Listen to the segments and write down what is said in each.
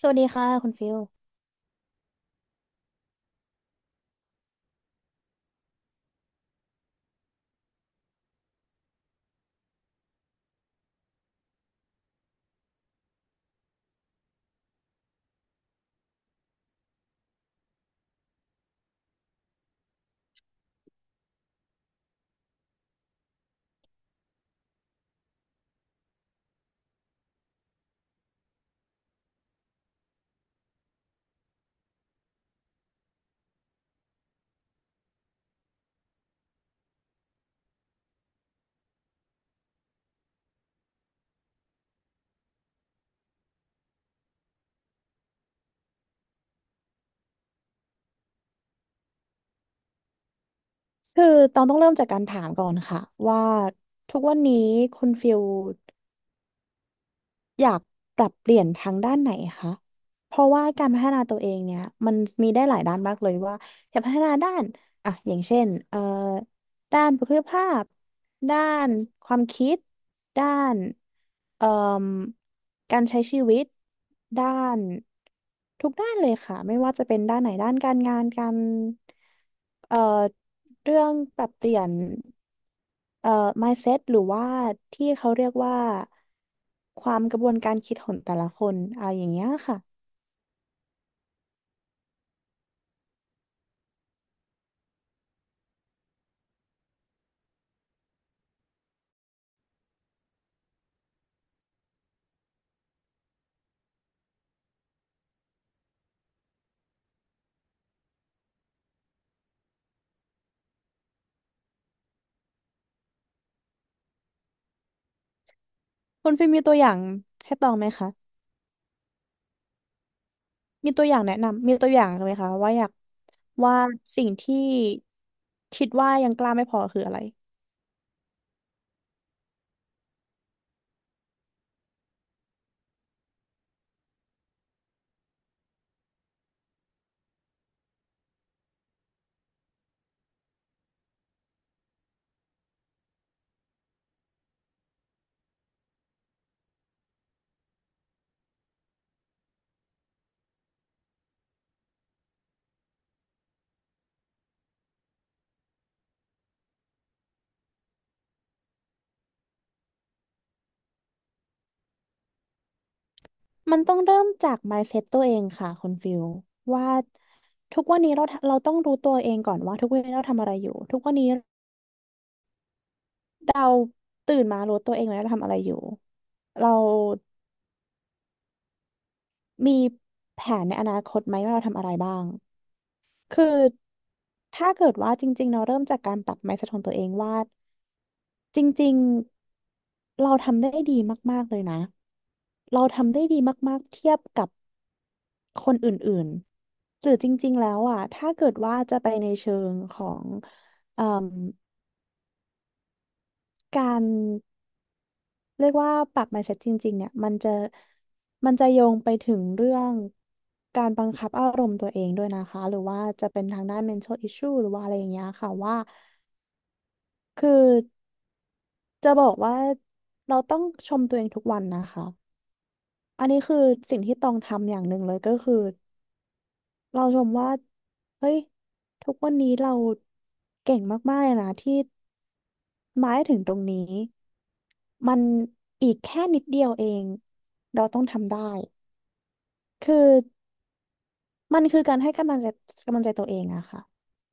สวัสดีค่ะคุณฟิล คือตองต้องเริ่มจากการถามก่อนค่ะว่าทุกวันนี้คุณฟิลอยากปรับเปลี่ยนทางด้านไหนคะเพราะว่าการพัฒนาตัวเองเนี่ยมันมีได้หลายด้านมากเลยว่าอยากพัฒนาด้านอ่ะอย่างเช่นด้านบุคลิกภาพด้านความคิดด้านเอ่อ การใช้ชีวิตด้านทุกด้านเลยค่ะไม่ว่าจะเป็นด้านไหนด้านการงานการเอ่อเรื่องปรับเปลี่ยนเอ่อ mindset หรือว่าที่เขาเรียกว่าความกระบวนการคิดของแต่ละคนอะไรอย่างเงี้ยค่ะคุณฟิล์มมีตัวอย่างให้ตองไหมคะมีตัวอย่างแนะนำมีตัวอย่างไหมคะว่าอยากว่าสิ่งที่คิดว่ายังกล้าไม่พอคืออะไร มันต้องเริ่มจาก mindset ตัวเองค่ะคุณฟิลว่าทุกวันนี้เราต้องรู้ตัวเองก่อนว่าทุกวันนี้เราทำอะไรอยู่ทุกวันนี้เราตื่นมารู้ตัวเองไหมว่าเราทำอะไรอยู่เรามีแผนในอนาคตไหมว่าเราทำอะไรบ้างคือถ้าเกิดว่าจริงๆเราเริ่มจากการปรับ mindset ของตัวเองว่าจริงๆเราทำได้ดีมากๆเลยนะเราทำได้ดีมากๆเทียบกับ คนอื่นๆ หรือจริงๆแล้วอ่ะถ้าเกิดว่าจะไปในเชิงของเอ่มการเรียกว่าปรับ mindset จริงๆเนี่ยมันจะโยงไปถึงเรื่องการบังคับอารมณ์ตัวเองด้วยนะคะหรือว่าจะเป็นทางด้าน mental issue หรือว่าอะไรอย่างเงี้ยค่ะว่าคือจะบอกว่าเราต้องชมตัวเองทุกวันนะคะอันนี้คือสิ่งที่ต้องทำอย่างหนึ่งเลยก็คือ เราชมว่าเฮ้ยทุกวันนี้เราเก่งมากๆเลยนะที่มาให้ถึงตรงนี้มันอีกแค่นิดเดียวเองเราต้องทำได้คือมันคือการให้กำลังใจกำลังใจตัวเองอะค่ะ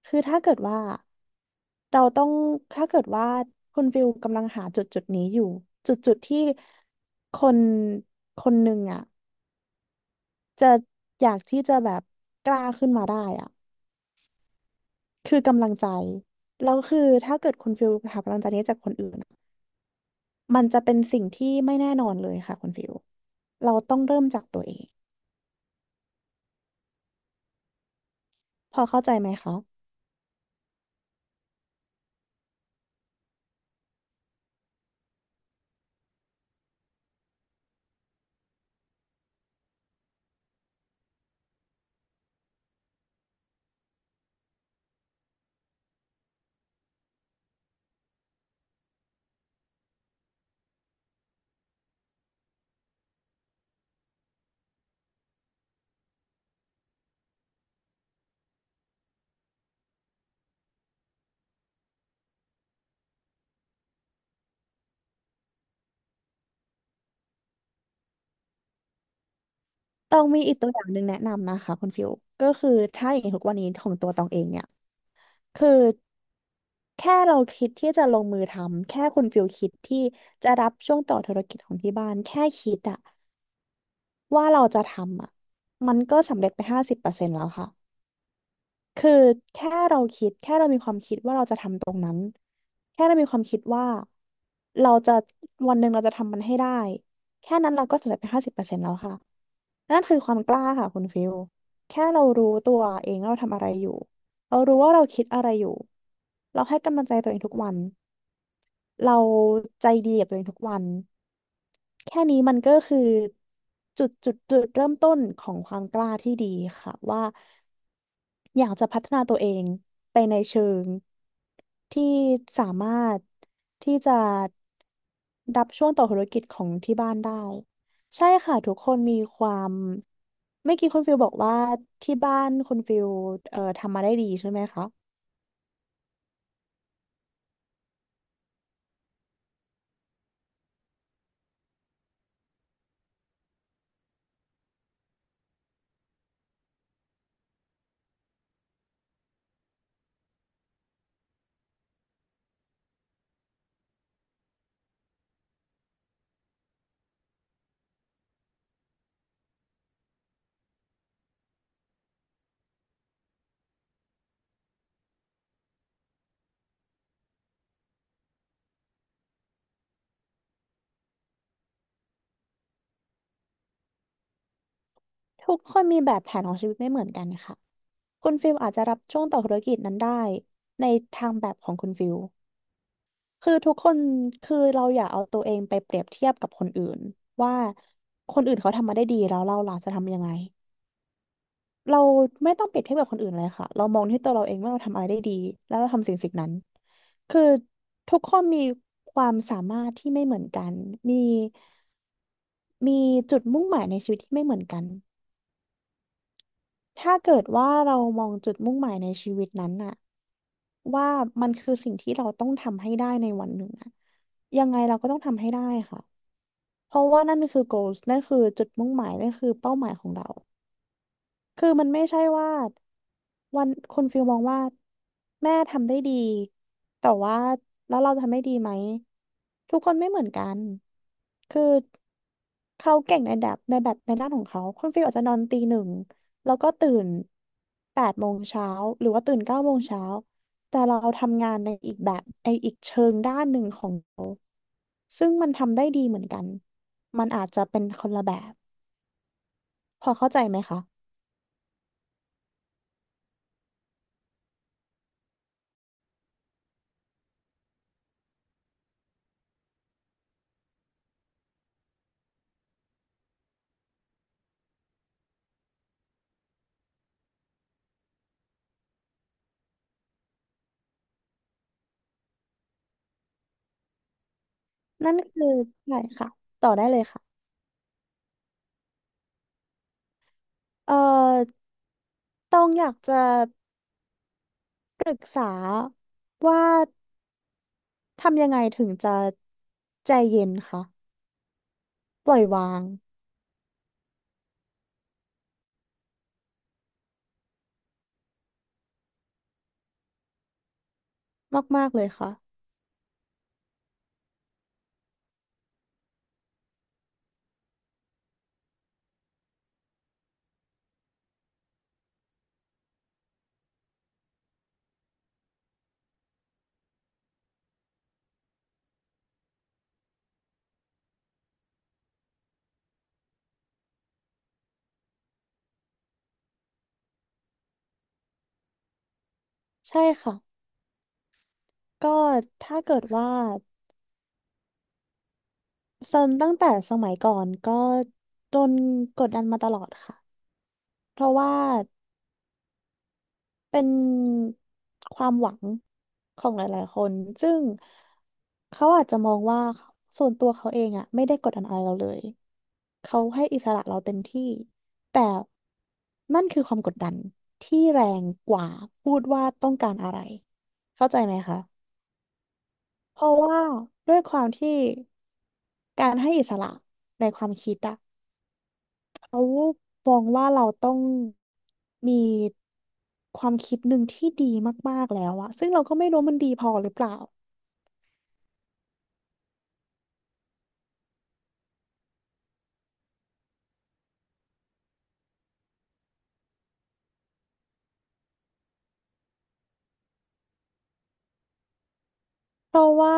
คือถ้าเกิดว่าเราต้องถ้าเกิดว่าคุณฟิลกำลังหาจุดนี้อยู่จุดที่คนคนหนึ่งอะจะอยากที่จะแบบกล้าขึ้นมาได้อะ คือกำลังใจแล้วคือถ้าเกิดคุณฟิลหากำลังใจนี้จากคนอื่นอะมันจะเป็นสิ่งที่ไม่แน่นอนเลยค่ะคุณฟิลเราต้องเริ่มจากตัวเองพอเข้าใจไหมคะตองมีอีกตัวอย่างหนึ่งแนะนำนะคะคุณฟิลก็คือถ้าอย่างทุกวันนี้ของตัวตองเองเนี่ยคือแค่เราคิดที่จะลงมือทำแค่คุณฟิลคิดที่จะรับช่วงต่อธุรกิจของที่บ้านแค่คิดอะว่าเราจะทำอะมันก็สำเร็จไปห้าสิบเปอร์เซ็นต์แล้วค่ะ คือแค่เราคิดแค่เรามีความคิดว่าเราจะทำตรงนั้นแค่เรามีความคิดว่าเราจะวันหนึ่งเราจะทำมันให้ได้แค่นั้นเราก็สำเร็จไปห้าสิบเปอร์เซ็นต์แล้วค่ะนั่นคือความกล้าค่ะคุณฟิลแค่เรารู้ตัวเองว่าเราทำอะไรอยู่เรารู้ว่าเราคิดอะไรอยู่เราให้กำลังใจตัวเองทุกวันเราใจดีกับตัวเองทุกวันแค่นี้มันก็คือจุดเริ่มต้นของความกล้าที่ดีค่ะว่า อยากจะพัฒนาตัวเองไปในเชิงที่สามารถที่จะรับช่วงต่อธุรกิจของที่บ้านได้ใช่ค่ะทุกคนมีความเมื่อกี้คุณฟิลบอกว่าที่บ้านคุณฟิลทำมาได้ดีใช่ไหมคะทุกคนมีแบบแผนของชีวิตไม่เหมือนกันค่ะคุณฟิลอาจจะรับช่วงต่อธุรกิจนั้นได้ในทางแบบของคุณฟิล คือทุกคนคือเราอย่าเอาตัวเองไปเปรียบเทียบกับคนอื่นว่าคนอื่นเขาทำมาได้ดีแล้วเราล่ะจะทำยังไงเราไม่ต้องเปรียบเทียบกับคนอื่นเลยค่ะเรามองที่ตัวเราเองว่าเราทำอะไรได้ดีแล้วเราทำสิ่งสิ่งนั้นคือทุกคนมีความสามารถที่ไม่เหมือนกันมีมีจุดมุ่งหมายในชีวิตที่ไม่เหมือนกันถ้าเกิดว่าเรามองจุดมุ่งหมายในชีวิตนั้นน่ะว่ามันคือสิ่งที่เราต้องทำให้ได้ในวันหนึ่งอะยังไงเราก็ต้องทำให้ได้ค่ะ เพราะว่านั่นคือ goals นั่นคือจุดมุ่งหมายนั่นคือเป้าหมายของเรา คือมันไม่ใช่ว่าวันคุณฟิลมองว่าแม่ทำได้ดีแต่ว่าแล้วเราทำได้ดีไหมทุกคนไม่เหมือนกันคือเขาเก่งในแบบในด้านของเขาคุณฟิลอาจจะนอนตี 1แล้วก็ตื่น8 โมงเช้าหรือว่าตื่น9 โมงเช้าแต่เราทำงานในอีกแบบในอีกเชิงด้านหนึ่งของ ซึ่งมันทำได้ดีเหมือนกัน มันอาจจะเป็นคนละแบบ พอเข้าใจไหมคะ นั่นคือ ใช่ค่ะ ต่อได้เลยค่ะ เอ่อ ต้องอยากจะปรึกษาว่าทำยังไงถึงจะใจเย็นคะปล่อยวางมากๆเลยค่ะ ใช่ค่ะ ก็ถ้าเกิดว่าเซินตั้งแต่สมัยก่อนก็โดนกดดันมาตลอดค่ะ เพราะว่า เป็นความหวังของหลายๆคนซึ่งเขาอาจจะมองว่าส่วนตัวเขาเองอะไม่ได้กดดันอะไรเราเลยเขาให้อิสระเราเต็มที่แต่นั่นคือความกดดันที่แรงกว่าพูดว่าต้องการอะไร เข้าใจไหมคะ เพราะว่าด้วยความที่การให้อิสระในความคิดอะ เขามองว่าเราต้องมีความคิดหนึ่งที่ดีมากๆแล้วอะซึ่งเราก็ไม่รู้มันดีพอหรือเปล่า เพราะว่า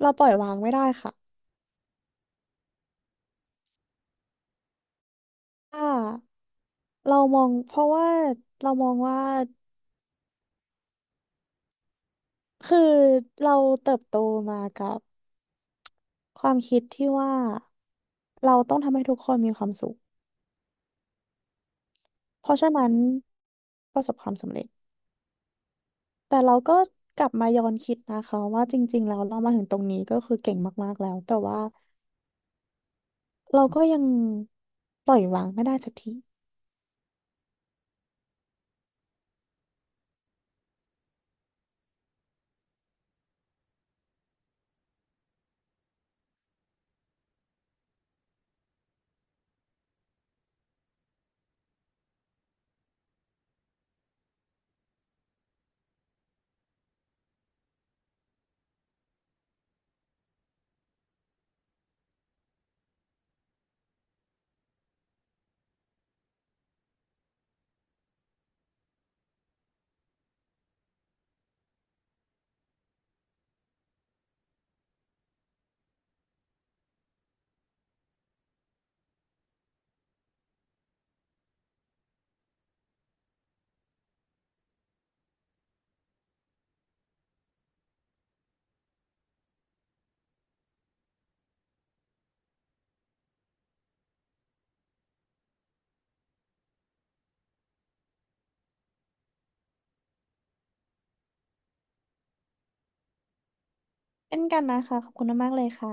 เราปล่อยวางไม่ได้ค่ะถ้าเรามองเพราะว่าเรามองว่าคือเราเติบโตมากับความคิดที่ว่าเราต้องทำให้ทุกคนมีความสุข เพราะฉะนั้นประสบความสำเร็จแต่เราก็กลับมาย้อนคิดนะคะว่าจริงๆแล้วเรามาถึงตรงนี้ก็คือเก่งมากๆแล้วแต่ว่า เราก็ยังปล่อยวางไม่ได้สักทีเช่นกันนะคะขอบคุณมากๆเลยค่ะ